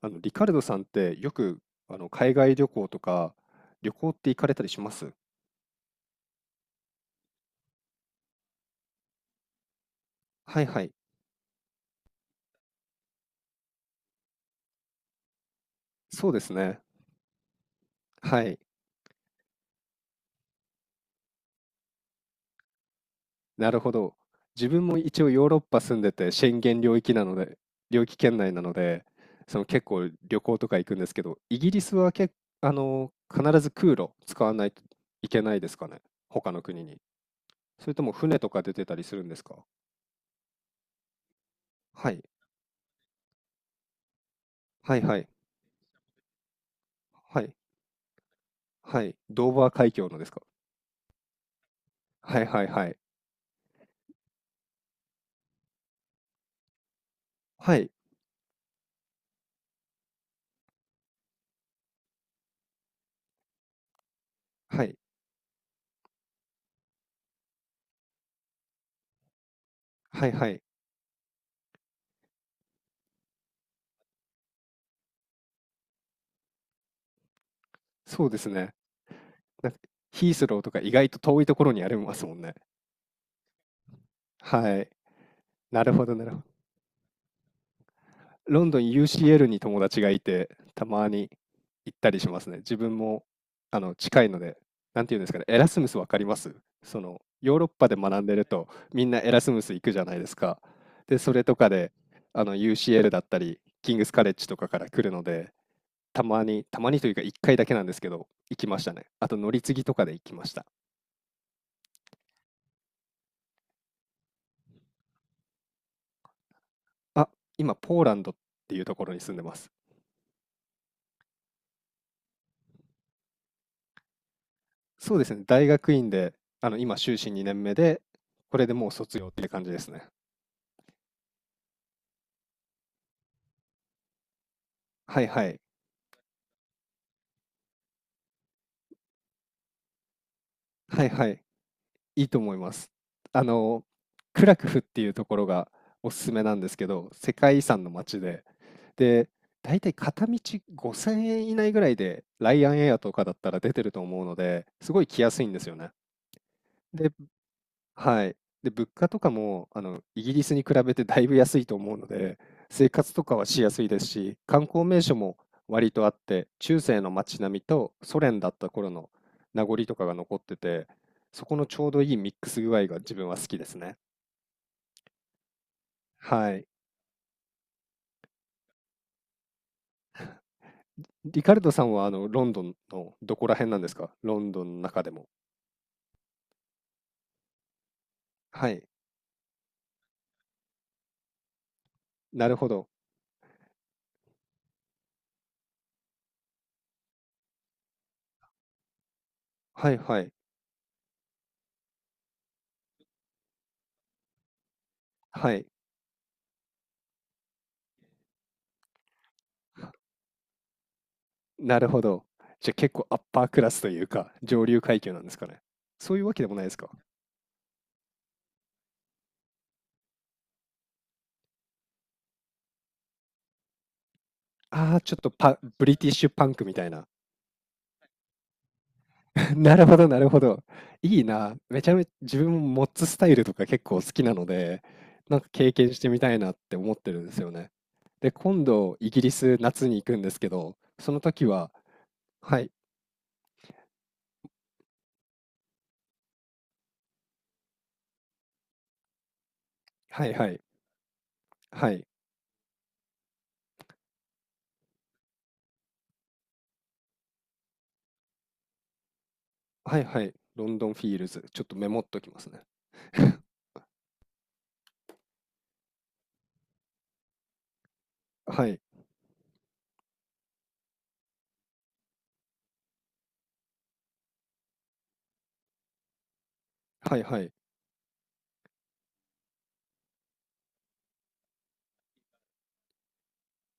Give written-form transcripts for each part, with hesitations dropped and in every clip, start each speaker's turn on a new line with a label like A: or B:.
A: リカルドさんってよく海外旅行とか旅行って行かれたりします？はいはい。そうですね。はい。なるほど。自分も一応ヨーロッパ住んでてシェンゲン領域圏内なので、その結構旅行とか行くんですけど、イギリスは必ず空路使わないといけないですかね。他の国に。それとも船とか出てたりするんですか？はい。はいはい。はい。はい。ドーバー海峡のですか？はいはいはい。はい。はい。はいはい。そうですね。なんか、ヒースローとか意外と遠いところにありますもんね。はい。なるほど、なるほど。ロンドン UCL に友達がいて、たまに行ったりしますね。自分も、近いので、なんていうんですかね、エラスムスわかります？その、ヨーロッパで学んでると、みんなエラスムス行くじゃないですか。で、それとかで、UCL だったり、キングスカレッジとかから来るので、たまにたまにというか1回だけなんですけど、行きましたね。あと乗り継ぎとかで行きました。あ、今、ポーランドっていうところに住んでます。そうですね、大学院で、今、修士2年目で、これでもう卒業って感じですね。はいはい。はいはい。いいと思います。あの、クラクフっていうところがおすすめなんですけど、世界遺産の街で、で、大体片道5000円以内ぐらいで、ライアンエアとかだったら出てると思うので、すごい来やすいんですよね。で、はい。で、物価とかも、イギリスに比べてだいぶ安いと思うので、生活とかはしやすいですし、観光名所も割とあって、中世の街並みとソ連だった頃の名残とかが残ってて、そこのちょうどいいミックス具合が自分は好きですね。はい。リカルドさんは、ロンドンのどこら辺なんですか？ロンドンの中でも。はい。なるほど。はいはい。はい。なるほど。じゃあ結構アッパークラスというか、上流階級なんですかね。そういうわけでもないですか？ああ、ちょっとパブリティッシュパンクみたいな。なるほど、なるほど。いいな。めちゃめちゃ自分もモッツスタイルとか結構好きなので、なんか経験してみたいなって思ってるんですよね。で、今度、イギリス夏に行くんですけど、その時は、はい、はいはい、はい、はいはい、ロンドンフィールズ。ちょっとメモっときますね。はい、はいはい、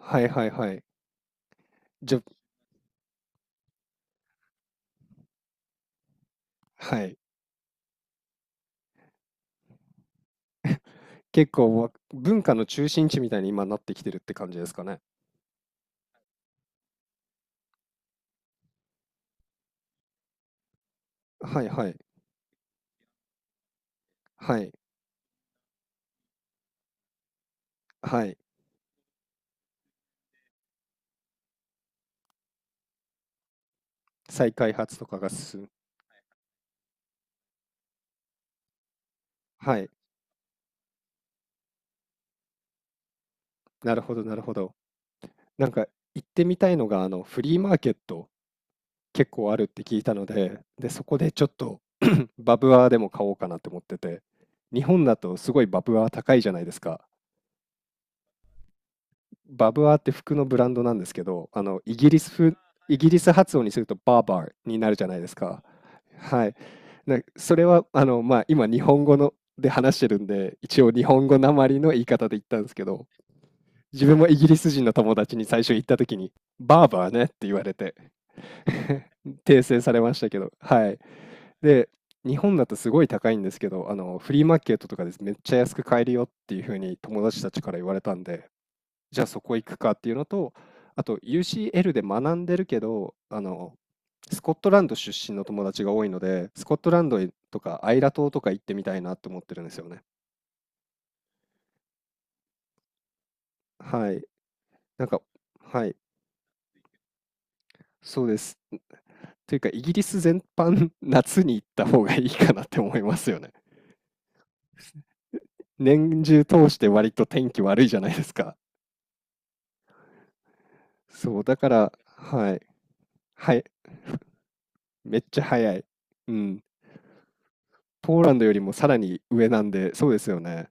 A: はいはいはい。じゃ、はい。結構文化の中心地みたいに今なってきてるって感じですかね。はいはい、はい。はい。再開発とかが進む。はい。なるほど、なるほど。なんか行ってみたいのが、フリーマーケット結構あるって聞いたので、で、そこでちょっと バブアーでも買おうかなって思ってて、日本だとすごいバブアー高いじゃないですか。バブアーって服のブランドなんですけど、イギリス発音にするとバーバーになるじゃないですか。はい。それは、まあ、今日本語ので話してるんで、一応日本語なまりの言い方で言ったんですけど、自分もイギリス人の友達に最初行った時に、バーバーねって言われて 訂正されましたけど、はい。で、日本だとすごい高いんですけど、フリーマーケットとかです。めっちゃ安く買えるよっていうふうに友達たちから言われたんで、じゃあそこ行くかっていうのと、あと UCL で学んでるけど、スコットランド出身の友達が多いので、スコットランドとかアイラ島とか行ってみたいなと思ってるんですよね。はい。なんか、はい。そうです。というか、イギリス全般、夏に行った方がいいかなって思いますよね。年中通して割と天気悪いじゃないですか。そう、だから、はい、はい、めっちゃ早い。うん。ポーランドよりもさらに上なんで、そうですよね。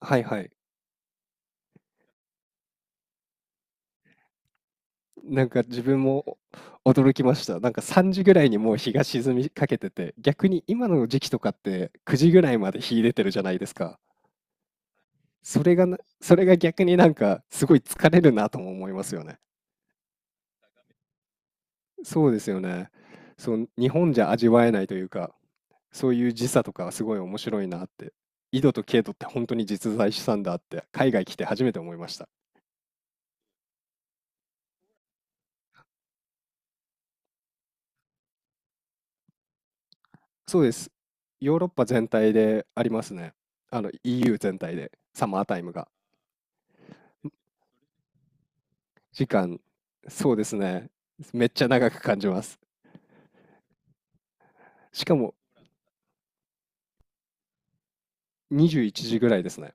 A: はいはい。なんか自分もお驚きました。なんか3時ぐらいにもう日が沈みかけてて、逆に今の時期とかって9時ぐらいまで日出てるじゃないですか。それが逆になんかすごい疲れるなとも思いますよね。そうですよね。そう、日本じゃ味わえないというか、そういう時差とかはすごい面白いなって。緯度と経度って本当に実在したんだって、海外来て初めて思いました。そうです。ヨーロッパ全体でありますね。EU 全体で、サマータイムが。時間、そうですね。めっちゃ長く感じます。しかも21時ぐらいですね。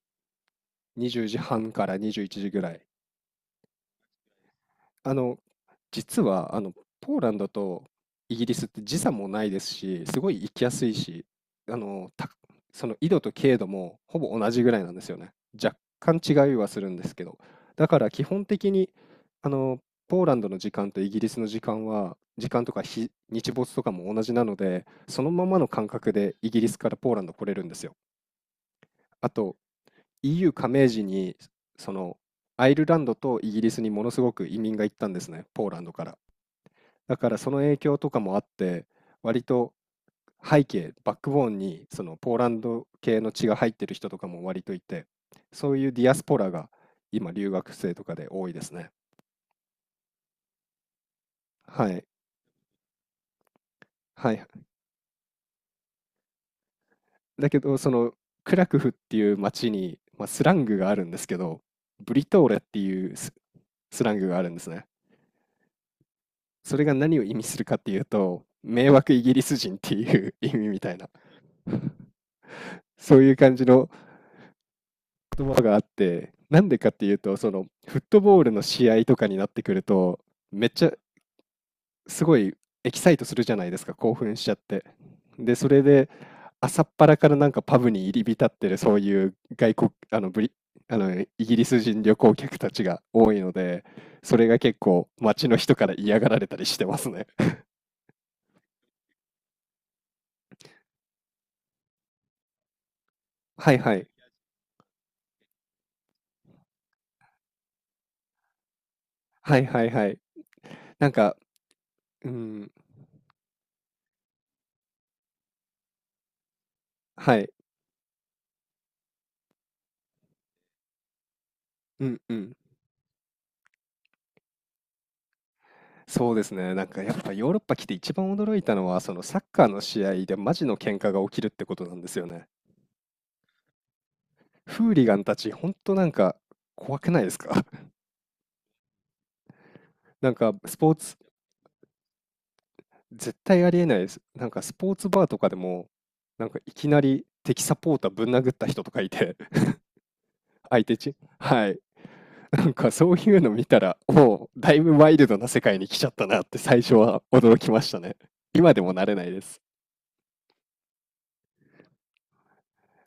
A: 20時半から21時ぐらい。あの、実は、ポーランドとイギリスって時差もないですし、すごい行きやすいし、あの、たその緯度と経度もほぼ同じぐらいなんですよね。若干違いはするんですけど。だから基本的に、あの、ポーランドの時間とイギリスの時間は、時間とか日没とかも同じなので、そのままの感覚でイギリスからポーランド来れるんですよ。あと、EU 加盟時に、その、アイルランドとイギリスにものすごく移民が行ったんですね、ポーランドから。だからその影響とかもあって、割とバックボーンにそのポーランド系の血が入ってる人とかも割といて、そういうディアスポラが今留学生とかで多いですね。はい。はい。だけど、そのクラクフっていう町に、まあ、スラングがあるんですけど、ブリトーレっていうスラングがあるんですね。それが何を意味するかっていうと、迷惑イギリス人っていう 意味みたいな、そういう感じの言葉があって、なんでかっていうと、そのフットボールの試合とかになってくると、めっちゃすごいエキサイトするじゃないですか。興奮しちゃって、で、それで朝っぱらからなんかパブに入り浸ってる、そういう外国あのブリあのイギリス人旅行客たちが多いので、それが結構街の人から嫌がられたりしてますね。はい、はい、はい、はい、はい。なんか、うん、はい、うんうん、そうですね。なんかやっぱヨーロッパ来て一番驚いたのは、そのサッカーの試合でマジの喧嘩が起きるってことなんですよね。フーリガンたち、ほんとなんか怖くないですか？ なんかスポーツ、絶対ありえないです。なんかスポーツバーとかでも、なんかいきなり敵サポーターぶん殴った人とかいて、相手チはい。なんかそういうの見たら、もうだいぶワイルドな世界に来ちゃったなって最初は驚きましたね。今でも慣れないです。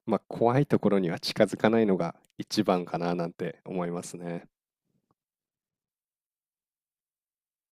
A: まあ、怖いところには近づかないのが一番かななんて思いますね。